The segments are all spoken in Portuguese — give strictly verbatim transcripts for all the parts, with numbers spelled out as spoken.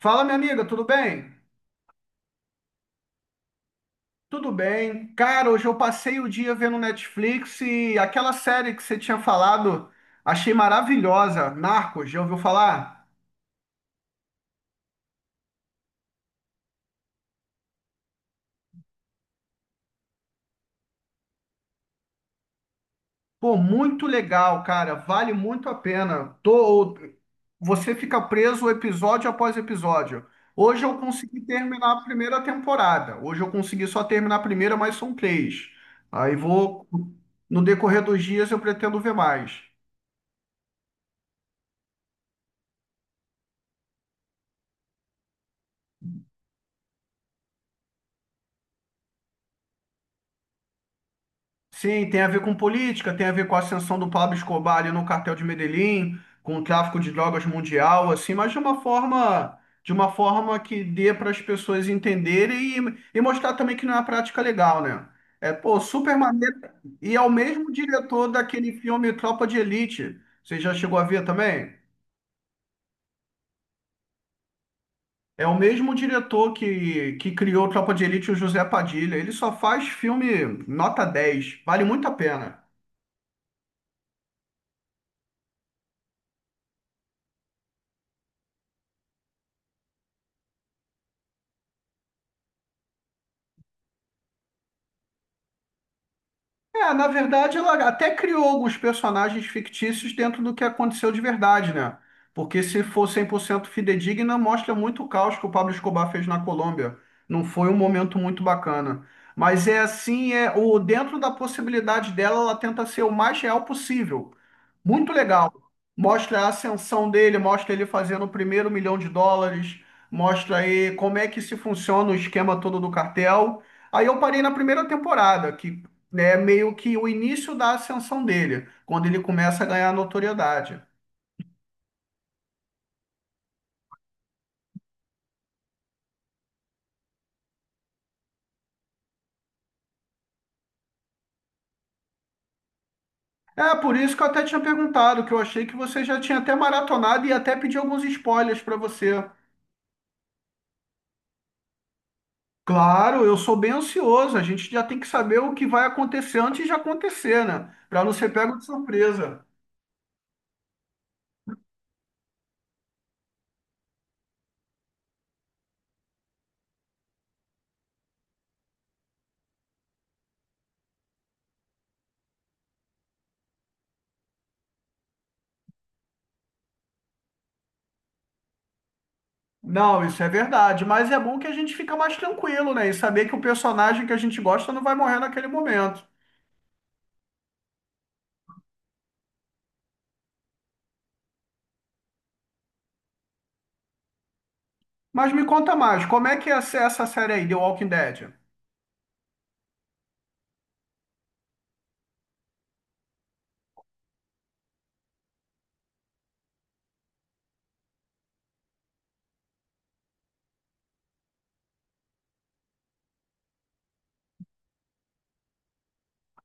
Fala, minha amiga, tudo bem? Tudo bem. Cara, hoje eu passei o dia vendo Netflix e aquela série que você tinha falado, achei maravilhosa. Narcos, já ouviu falar? Pô, muito legal, cara. Vale muito a pena. Tô... Você fica preso episódio após episódio. Hoje eu consegui terminar a primeira temporada. Hoje eu consegui só terminar a primeira, mas são três. Aí vou. No decorrer dos dias eu pretendo ver mais. Sim, tem a ver com política, tem a ver com a ascensão do Pablo Escobar ali no cartel de Medellín, com o tráfico de drogas mundial, assim, mas de uma forma, de uma forma que dê para as pessoas entenderem e, e mostrar também que não é uma prática legal, né? É, pô, super maneiro. E é o mesmo diretor daquele filme Tropa de Elite. Você já chegou a ver também? É o mesmo diretor que, que criou Tropa de Elite, o José Padilha. Ele só faz filme nota dez. Vale muito a pena. É, na verdade, ela até criou alguns personagens fictícios dentro do que aconteceu de verdade, né? Porque se for cem por cento fidedigna, mostra muito o caos que o Pablo Escobar fez na Colômbia. Não foi um momento muito bacana. Mas é assim, é o dentro da possibilidade dela, ela tenta ser o mais real possível. Muito legal. Mostra a ascensão dele, mostra ele fazendo o primeiro milhão de dólares, mostra aí como é que se funciona o esquema todo do cartel. Aí eu parei na primeira temporada, que né, meio que o início da ascensão dele, quando ele começa a ganhar notoriedade. É por isso que eu até tinha perguntado, que eu achei que você já tinha até maratonado e até pedi alguns spoilers para você. Claro, eu sou bem ansioso, a gente já tem que saber o que vai acontecer antes de acontecer, né? Para não ser pego de surpresa. Não, isso é verdade, mas é bom que a gente fica mais tranquilo, né? E saber que o personagem que a gente gosta não vai morrer naquele momento. Mas me conta mais, como é que é essa essa série aí, The Walking Dead?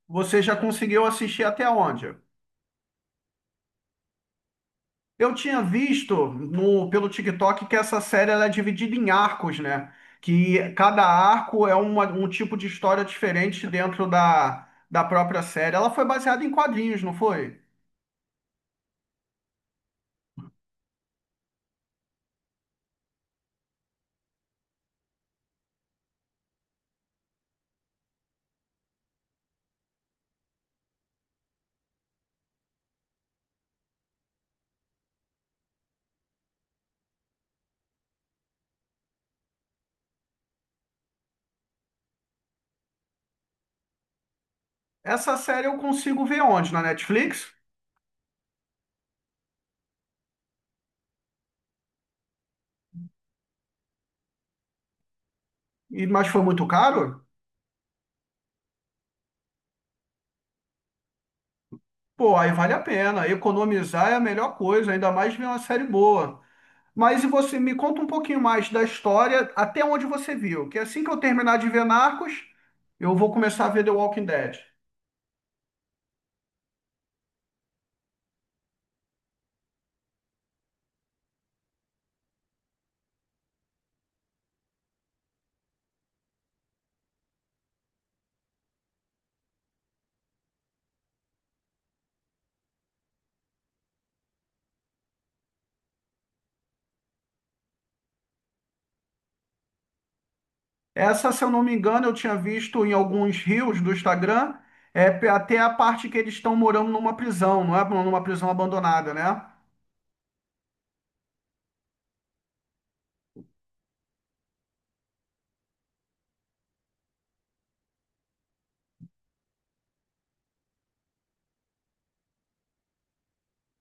Você já conseguiu assistir até onde? Eu tinha visto no, pelo TikTok, que essa série ela é dividida em arcos, né? Que cada arco é uma- um tipo de história diferente dentro da, da própria série. Ela foi baseada em quadrinhos, não foi? Essa série eu consigo ver onde? Na Netflix? E- mas foi muito caro? Pô, aí vale a pena. Economizar é a melhor coisa, ainda mais ver uma série boa. Mas e você me conta um pouquinho mais da história, até onde você viu, que assim que eu terminar de ver Narcos, eu vou começar a ver The Walking Dead. Essa, se eu não me engano, eu tinha visto em alguns reels do Instagram, é, pe- até a parte que eles estão morando numa prisão, não é? Numa prisão abandonada, né?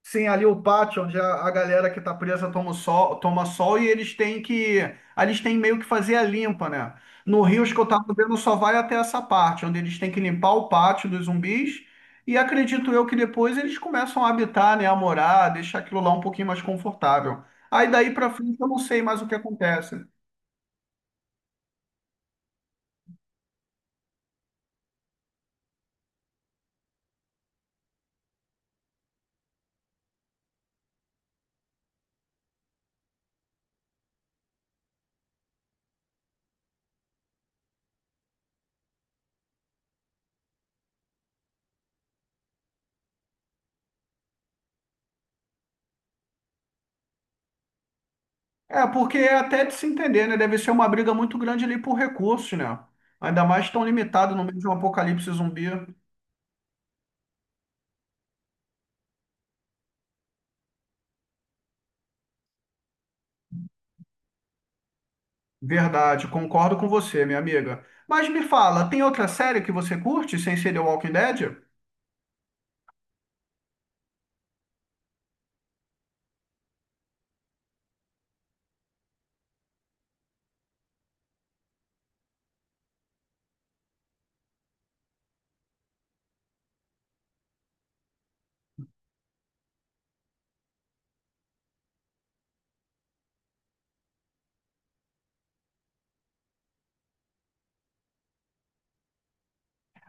Sim, ali o pátio, onde a, a galera que tá presa toma o sol, toma sol e eles têm que. Ali eles têm meio que fazer a limpa, né? No Rio, os que eu tava vendo só vai até essa parte, onde eles têm que limpar o pátio dos zumbis. E acredito eu que depois eles começam a habitar, né? A morar, deixar aquilo lá um pouquinho mais confortável. Aí daí pra frente eu não sei mais o que acontece. É, porque é até de se entender, né? Deve ser uma briga muito grande ali por recursos, né? Ainda mais tão limitado no meio de um apocalipse zumbi. Verdade, concordo com você, minha amiga. Mas me fala, tem outra série que você curte sem ser The Walking Dead?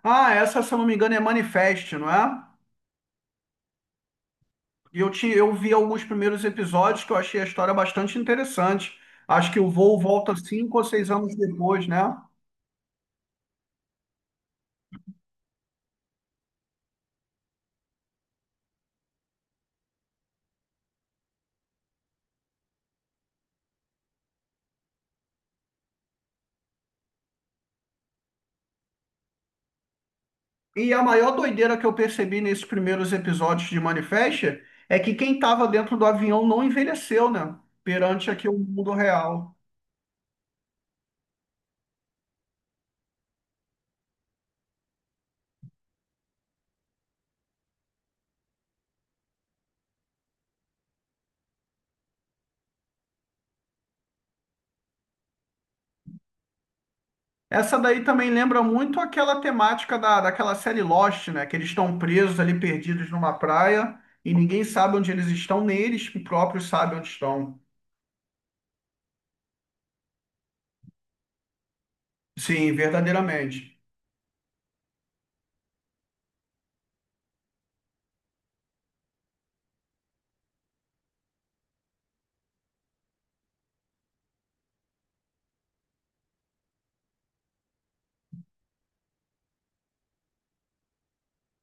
Ah, essa, se eu não me engano, é Manifest, não é? E eu, te, eu vi alguns primeiros episódios que eu achei a história bastante interessante. Acho que o voo volta cinco ou seis anos depois, né? E a maior doideira que eu percebi nesses primeiros episódios de Manifest é que quem estava dentro do avião não envelheceu, né? Perante aqui o mundo real. Essa daí também lembra muito aquela temática da, daquela série Lost, né? Que eles estão presos ali, perdidos numa praia, e ninguém sabe onde eles estão, nem eles próprios sabem onde estão. Sim, verdadeiramente.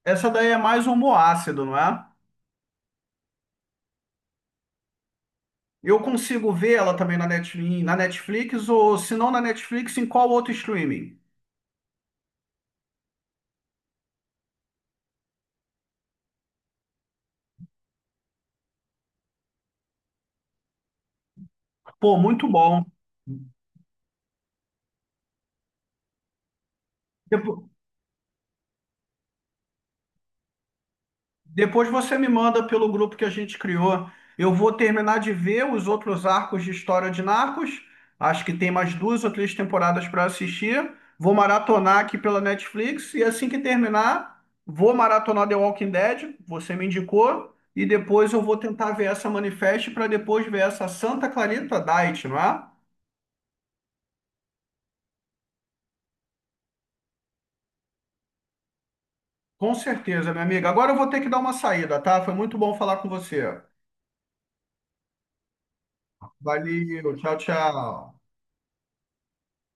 Essa daí é mais homoácido, não é? Eu consigo ver ela também na Net- na Netflix, ou se não na Netflix, em qual outro streaming? Pô, muito bom. Depo- Depois você me manda pelo grupo que a gente criou. Eu vou terminar de ver os outros arcos de história de Narcos. Acho que tem mais duas ou três temporadas para assistir. Vou maratonar aqui pela Netflix e assim que terminar, vou maratonar The Walking Dead. Você me indicou. E depois eu vou tentar ver essa Manifest para depois ver essa Santa Clarita Diet, não é? Com certeza, minha amiga. Agora eu vou ter que dar uma saída, tá? Foi muito bom falar com você. Valeu, tchau, tchau.